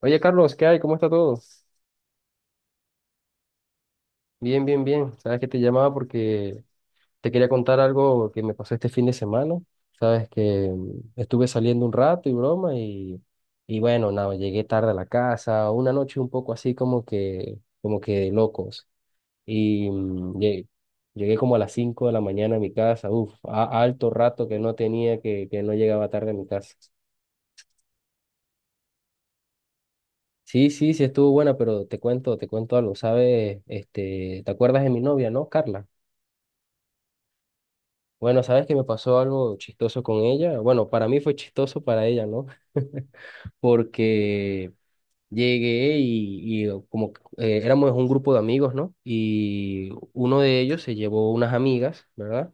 Oye, Carlos, ¿qué hay? ¿Cómo está todo? Bien, bien, bien. Sabes que te llamaba porque te quería contar algo que me pasó este fin de semana. Sabes que estuve saliendo un rato y broma y bueno, nada, llegué tarde a la casa, una noche un poco así como que de locos. Y llegué como a las 5 de la mañana a mi casa, uf, alto rato que no tenía, que no llegaba tarde a mi casa. Sí, sí, sí estuvo buena, pero te cuento algo, ¿sabes? Este, ¿te acuerdas de mi novia, no, Carla? Bueno, sabes que me pasó algo chistoso con ella. Bueno, para mí fue chistoso para ella, ¿no? Porque llegué y como que, éramos un grupo de amigos, ¿no? Y uno de ellos se llevó unas amigas, ¿verdad?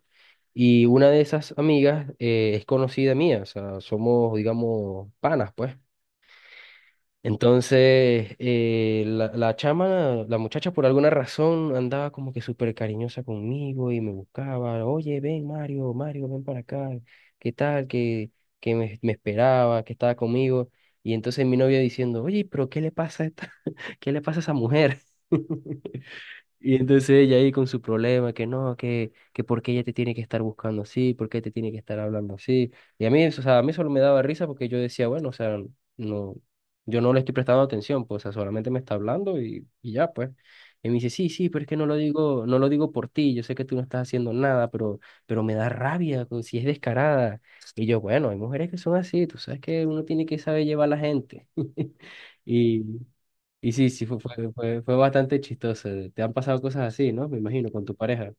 Y una de esas amigas es conocida mía, o sea, somos, digamos, panas, pues. Entonces, la chama, la muchacha por alguna razón andaba como que súper cariñosa conmigo y me buscaba, oye, ven Mario, Mario, ven para acá, ¿qué tal? Que, me esperaba, que estaba conmigo. Y entonces mi novia diciendo, oye, pero ¿qué le pasa a esta, qué le pasa a esa mujer? Y entonces ella ahí con su problema, que no, que por qué ella te tiene que estar buscando así, por qué te tiene que estar hablando así. Y a mí, o sea, a mí solo me daba risa porque yo decía, bueno, o sea, no, yo no le estoy prestando atención, pues, o sea, solamente me está hablando y ya, pues. Y me dice, sí, sí, pero es que no lo digo, no lo digo por ti, yo sé que tú no estás haciendo nada, pero me da rabia, pues, si es descarada. Y yo, bueno, hay mujeres que son así, tú sabes que uno tiene que saber llevar a la gente. y y sí, sí, fue bastante chistoso. Te han pasado cosas así, ¿no? Me imagino, con tu pareja.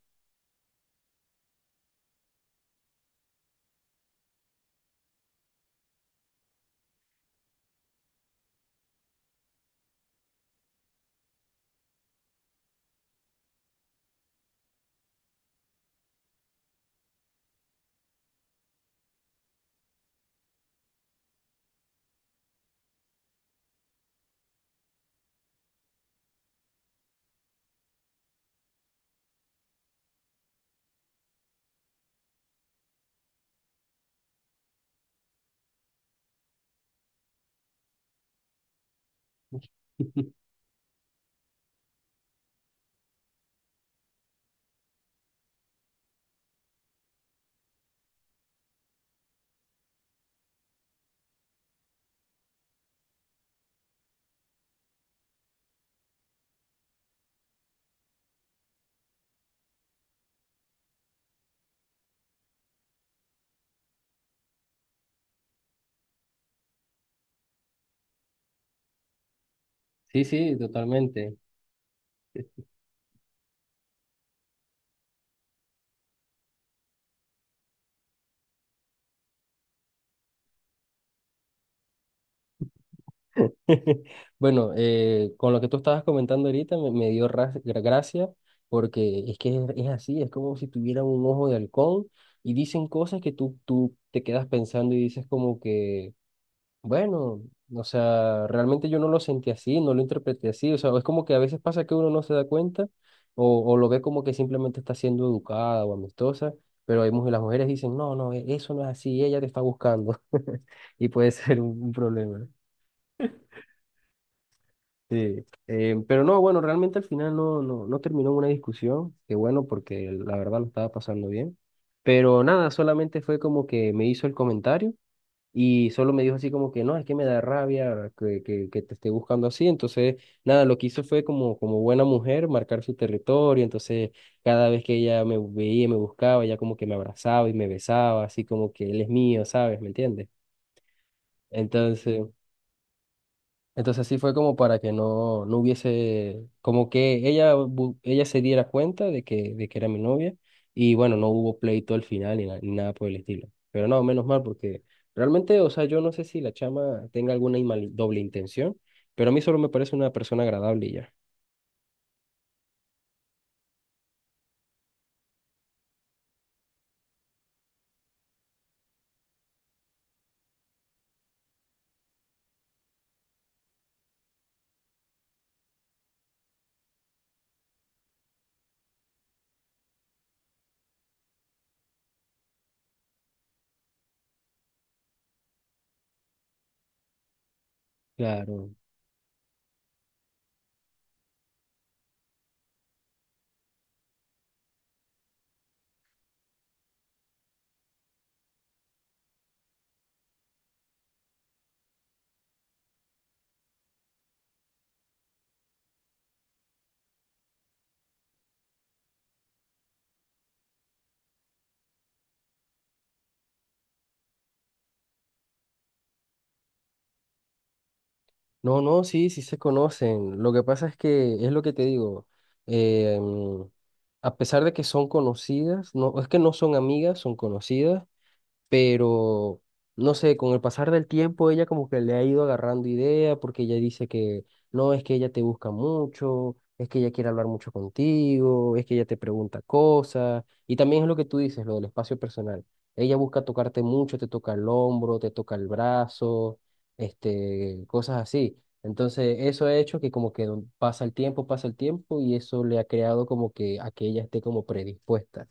Sí, sí, totalmente. Bueno, con lo que tú estabas comentando ahorita me dio gracia porque es que es así, es como si tuviera un ojo de halcón y dicen cosas que tú te quedas pensando y dices como que... Bueno, o sea, realmente yo no lo sentí así, no lo interpreté así, o sea, es como que a veces pasa que uno no se da cuenta o lo ve como que simplemente está siendo educada o amistosa, pero hay mujeres, las mujeres dicen, no, no, eso no es así, ella te está buscando y puede ser un problema. Sí, pero no, bueno, realmente al final no, no, no terminó en una discusión, que bueno, porque la verdad lo estaba pasando bien, pero nada, solamente fue como que me hizo el comentario. Y solo me dijo así como que no, es que me da rabia que te esté buscando así. Entonces, nada, lo que hizo fue como, como buena mujer marcar su territorio. Entonces, cada vez que ella me veía, me buscaba, ella como que me abrazaba y me besaba, así como que él es mío, ¿sabes? ¿Me entiendes? Entonces, entonces así fue como para que no, no hubiese, como que ella, ella se diera cuenta de que era mi novia y bueno, no hubo pleito al final ni, ni nada por el estilo. Pero no, menos mal porque realmente, o sea, yo no sé si la chama tenga alguna doble intención, pero a mí solo me parece una persona agradable y ya. Claro. No, no, sí, sí se conocen. Lo que pasa es que es lo que te digo. Eh, a pesar de que son conocidas, no, es que no son amigas, son conocidas. Pero no sé, con el pasar del tiempo ella como que le ha ido agarrando idea porque ella dice que no, es que ella te busca mucho, es que ella quiere hablar mucho contigo, es que ella te pregunta cosas y también es lo que tú dices, lo del espacio personal. Ella busca tocarte mucho, te toca el hombro, te toca el brazo, este, cosas así. Entonces, eso ha hecho que como que pasa el tiempo y eso le ha creado como que a que ella esté como predispuesta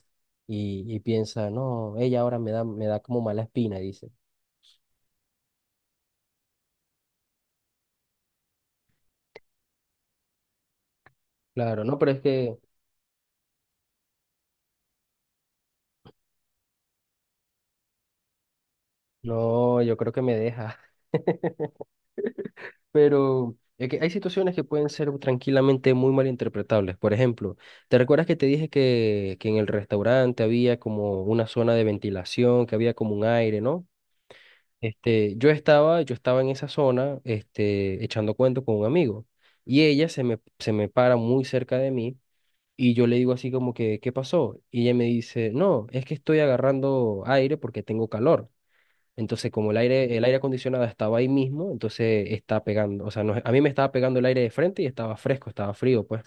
y piensa, no, ella ahora me da como mala espina, dice. Claro, no, pero es que, no, yo creo que me deja. Pero es que hay situaciones que pueden ser tranquilamente muy malinterpretables. Por ejemplo, ¿te recuerdas que te dije que en el restaurante había como una zona de ventilación, que había como un aire, ¿no? Este, yo estaba en esa zona, este, echando cuento con un amigo. Y ella se me para muy cerca de mí. Y yo le digo así como que, ¿qué pasó? Y ella me dice, no, es que estoy agarrando aire porque tengo calor. Entonces, como el aire acondicionado estaba ahí mismo, entonces está pegando, o sea, a mí me estaba pegando el aire de frente y estaba fresco, estaba frío, pues.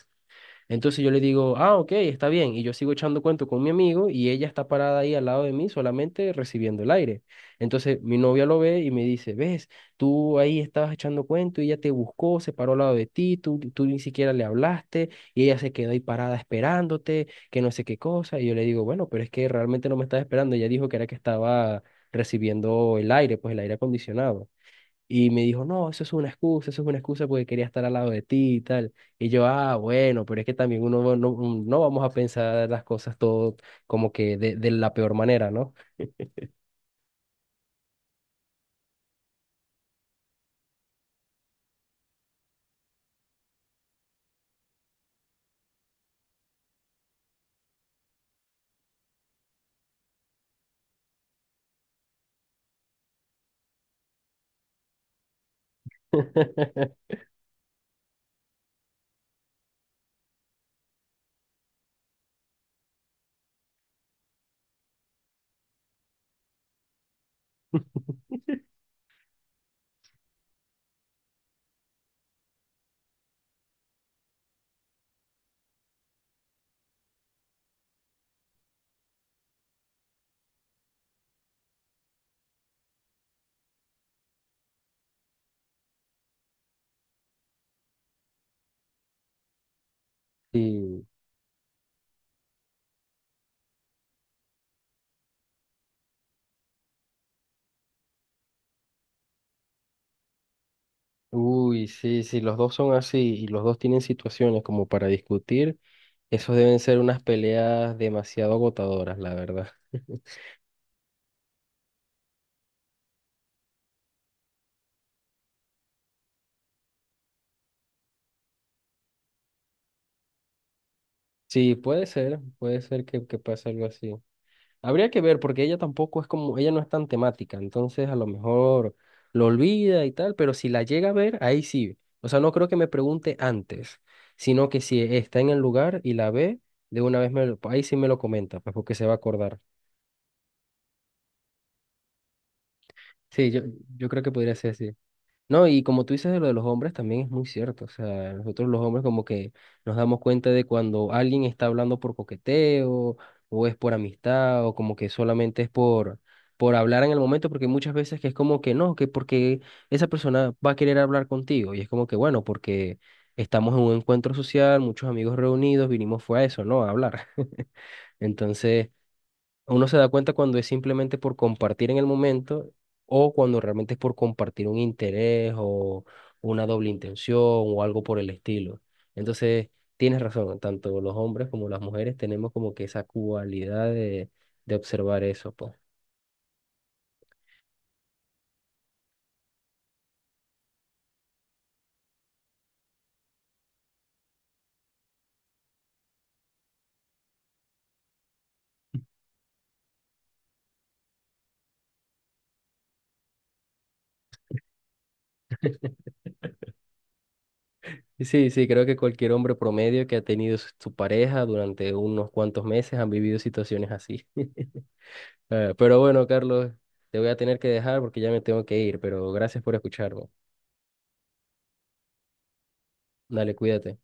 Entonces yo le digo, ah, ok, está bien. Y yo sigo echando cuento con mi amigo y ella está parada ahí al lado de mí solamente recibiendo el aire. Entonces mi novia lo ve y me dice, ves, tú ahí estabas echando cuento y ella te buscó, se paró al lado de ti, tú ni siquiera le hablaste y ella se quedó ahí parada esperándote, que no sé qué cosa. Y yo le digo, bueno, pero es que realmente no me estaba esperando. Ella dijo que era que estaba recibiendo el aire, pues el aire acondicionado. Y me dijo, no, eso es una excusa, eso es una excusa porque quería estar al lado de ti y tal. Y yo, ah, bueno, pero es que también uno no, no vamos a pensar las cosas todo como que de la peor manera, ¿no? Sí, uy, sí, sí, los dos son así y los dos tienen situaciones como para discutir, esos deben ser unas peleas demasiado agotadoras, la verdad. Sí, puede ser que pase algo así. Habría que ver, porque ella tampoco es como, ella no es tan temática, entonces a lo mejor lo olvida y tal, pero si la llega a ver, ahí sí. O sea, no creo que me pregunte antes, sino que si está en el lugar y la ve, de una vez me lo, ahí sí me lo comenta, pues porque se va a acordar. Sí, yo creo que podría ser así. No, y como tú dices de lo de los hombres también es muy cierto. O sea, nosotros los hombres como que nos damos cuenta de cuando alguien está hablando por coqueteo o es por amistad o como que solamente es por hablar en el momento porque muchas veces que es como que no, que porque esa persona va a querer hablar contigo y es como que bueno, porque estamos en un encuentro social, muchos amigos reunidos, vinimos fue a eso, ¿no? A hablar. Entonces, uno se da cuenta cuando es simplemente por compartir en el momento o cuando realmente es por compartir un interés o una doble intención o algo por el estilo. Entonces, tienes razón, tanto los hombres como las mujeres tenemos como que esa cualidad de observar eso, pues. Y sí, sí, creo que cualquier hombre promedio que ha tenido su pareja durante unos cuantos meses han vivido situaciones así. Pero bueno, Carlos, te voy a tener que dejar porque ya me tengo que ir, pero gracias por escucharme. Dale, cuídate.